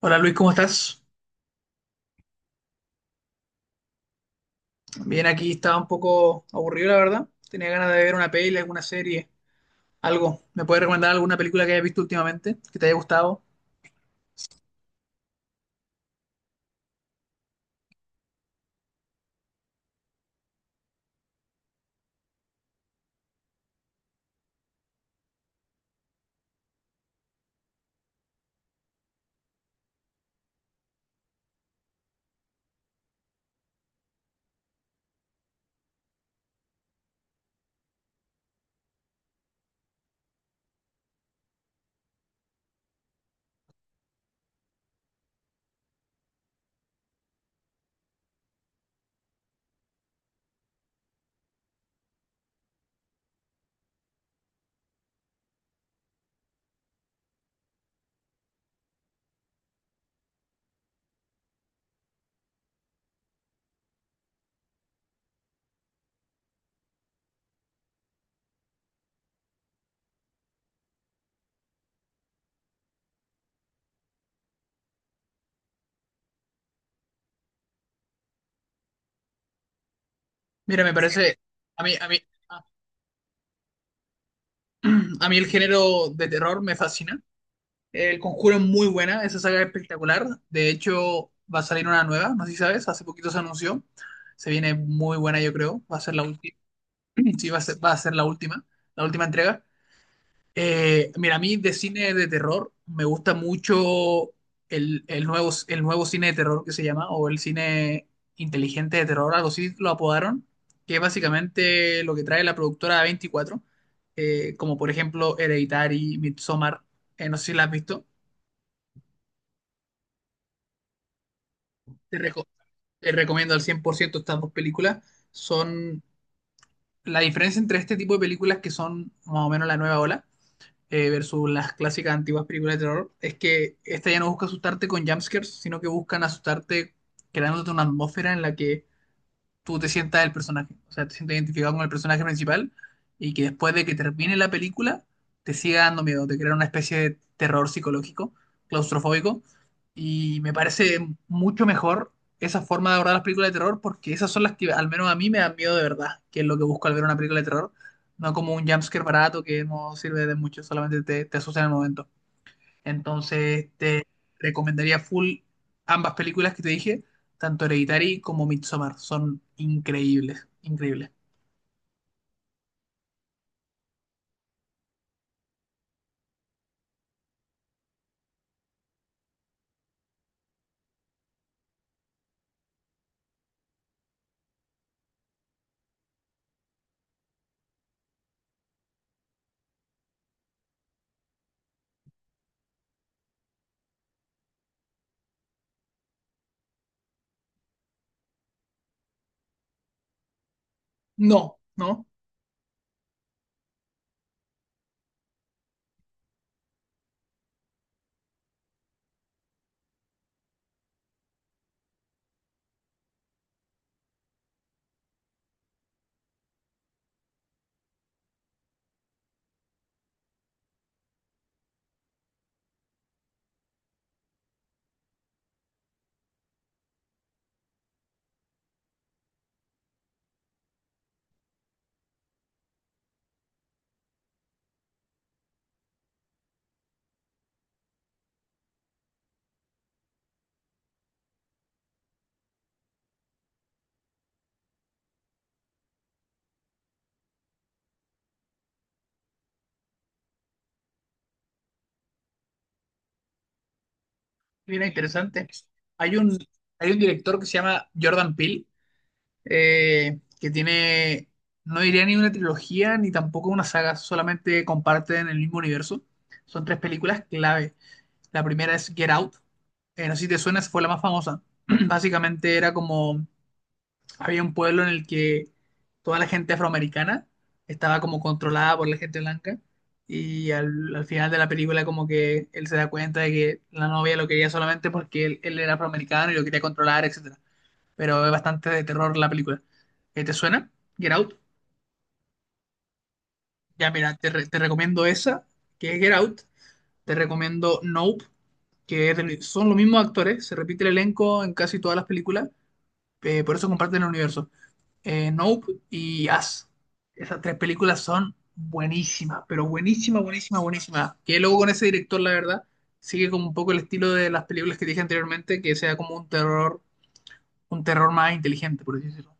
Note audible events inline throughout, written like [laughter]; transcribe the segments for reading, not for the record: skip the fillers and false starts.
Hola Luis, ¿cómo estás? Bien, aquí estaba un poco aburrido, la verdad. Tenía ganas de ver una peli, alguna serie, algo. ¿Me puedes recomendar alguna película que hayas visto últimamente, que te haya gustado? Mira, a mí, a mí, [clears throat] a mí el género de terror me fascina. El Conjuro es muy buena, esa saga es espectacular. De hecho, va a salir una nueva, no sé si sabes, hace poquito se anunció. Se viene muy buena, yo creo. Va a ser la última. Sí, va a ser la última entrega. Mira, a mí de cine de terror me gusta mucho el nuevo cine de terror que se llama, o el cine inteligente de terror, algo así lo apodaron, que es básicamente lo que trae la productora A24, como por ejemplo Hereditary, Midsommar. No sé si la has visto. te, reco- Te recomiendo al 100% estas dos películas. Son la diferencia entre este tipo de películas que son más o menos la nueva ola versus las clásicas antiguas películas de terror. Es que esta ya no busca asustarte con jumpscares, sino que buscan asustarte creándote una atmósfera en la que tú te sientas el personaje, o sea, te sientas identificado con el personaje principal, y que después de que termine la película te siga dando miedo, te crea una especie de terror psicológico, claustrofóbico, y me parece mucho mejor esa forma de abordar las películas de terror, porque esas son las que al menos a mí me dan miedo de verdad, que es lo que busco al ver una película de terror, no como un jumpscare barato que no sirve de mucho, solamente te asusta en el momento. Entonces, te recomendaría full ambas películas que te dije, tanto Hereditary como Midsommar. Son increíbles, increíbles. No, no, mira, interesante. Hay un, hay un director que se llama Jordan Peele, que tiene, no diría ni una trilogía ni tampoco una saga, solamente comparten el mismo universo. Son tres películas clave. La primera es Get Out. No sé si te suena, esa fue la más famosa. [clears throat] Básicamente era como había un pueblo en el que toda la gente afroamericana estaba como controlada por la gente blanca, y al final de la película como que él se da cuenta de que la novia lo quería solamente porque él era afroamericano y lo quería controlar, etcétera. Pero es bastante de terror la película. ¿Te suena? Get Out. Ya mira, te recomiendo esa, que es Get Out. Te recomiendo Nope, que es del- son los mismos actores, se repite el elenco en casi todas las películas, por eso comparten el universo. Nope y Us. Esas tres películas son buenísimas, pero buenísimas, buenísimas, buenísimas. Que luego con ese director, la verdad, sigue como un poco el estilo de las películas que dije anteriormente, que sea como un terror más inteligente, por así decirlo.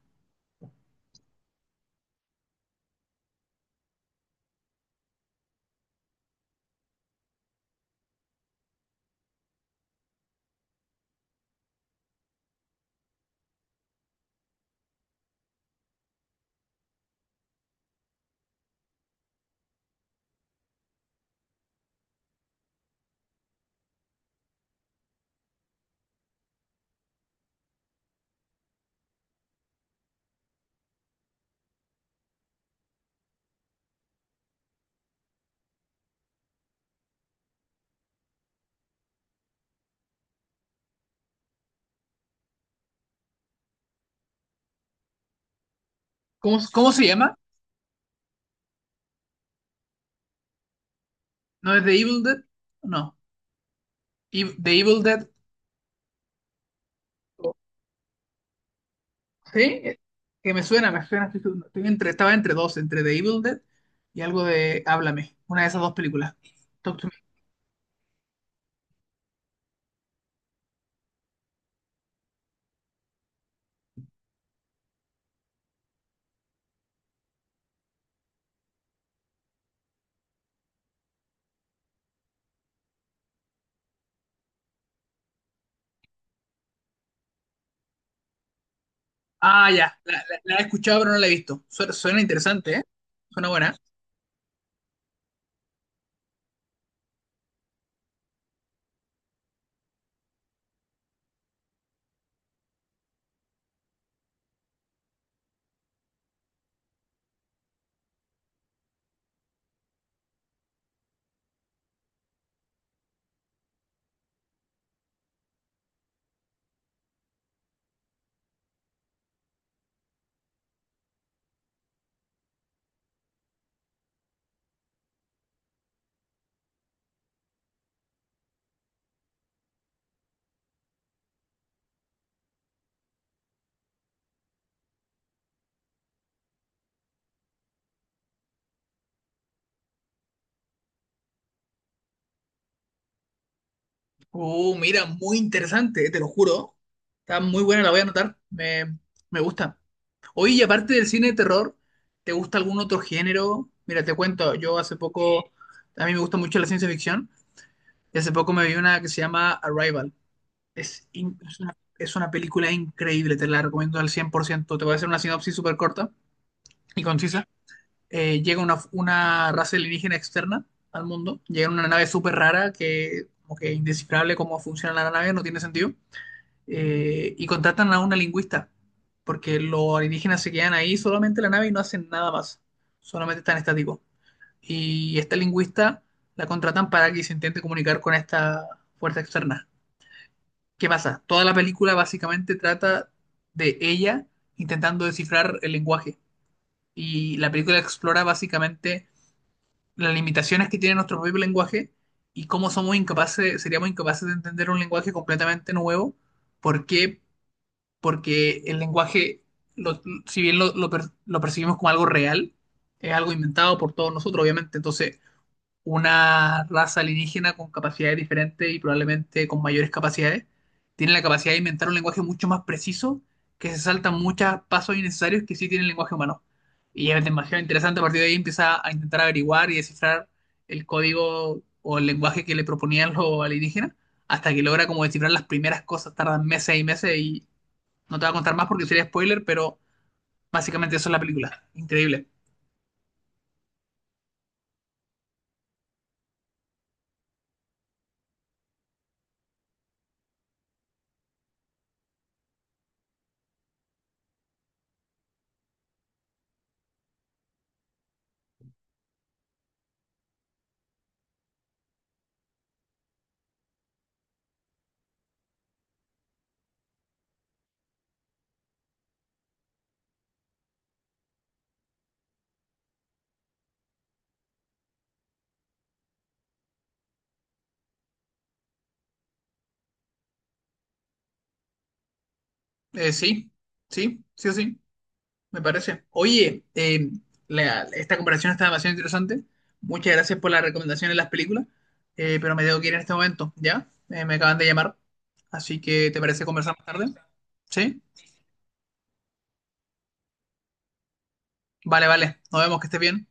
¿Cómo se llama? ¿No es The Evil Dead? No. The Evil Dead. Oh, ¿sí? Que me suena, me suena. Estaba entre dos, entre The Evil Dead y algo de Háblame, una de esas dos películas. Ah, ya, la he escuchado pero no la he visto. Suena interesante, ¿eh? Suena buena. Mira, muy interesante, te lo juro. Está muy buena, la voy a anotar. Me gusta. Oye, y aparte del cine de terror, ¿te gusta algún otro género? Mira, te cuento, yo hace poco, a mí me gusta mucho la ciencia ficción, y hace poco me vi una que se llama Arrival. Es una película increíble, te la recomiendo al 100%. Te voy a hacer una sinopsis súper corta y concisa. Llega una raza alienígena externa al mundo, llega en una nave súper rara que como que es indescifrable cómo funciona la nave, no tiene sentido. Y contratan a una lingüista, porque los alienígenas se quedan ahí solamente en la nave y no hacen nada más, solamente están estáticos. Y esta lingüista la contratan para que se intente comunicar con esta fuerza externa. ¿Qué pasa? Toda la película básicamente trata de ella intentando descifrar el lenguaje. Y la película explora básicamente las limitaciones que tiene nuestro propio lenguaje y cómo somos incapaces, seríamos incapaces de entender un lenguaje completamente nuevo. ¿Por qué? Porque el lenguaje, lo- si bien lo percibimos como algo real, es algo inventado por todos nosotros, obviamente. Entonces, una raza alienígena con capacidades diferentes y probablemente con mayores capacidades, tiene la capacidad de inventar un lenguaje mucho más preciso, que se saltan muchos pasos innecesarios que sí tiene el lenguaje humano. Y es demasiado interesante, a partir de ahí empieza a intentar averiguar y descifrar el código o el lenguaje que le proponían los alienígenas, hasta que logra como descifrar las primeras cosas, tardan meses y meses, y no te voy a contar más porque sería spoiler, pero básicamente eso es la película, increíble. Sí, sí, sí o sí. Me parece. Oye, esta comparación está demasiado interesante. Muchas gracias por la recomendación de las películas, pero me tengo que ir en este momento, ¿ya? Me acaban de llamar, así que ¿te parece conversar más tarde? ¿Sí? Vale, vale. Nos vemos, que estés bien.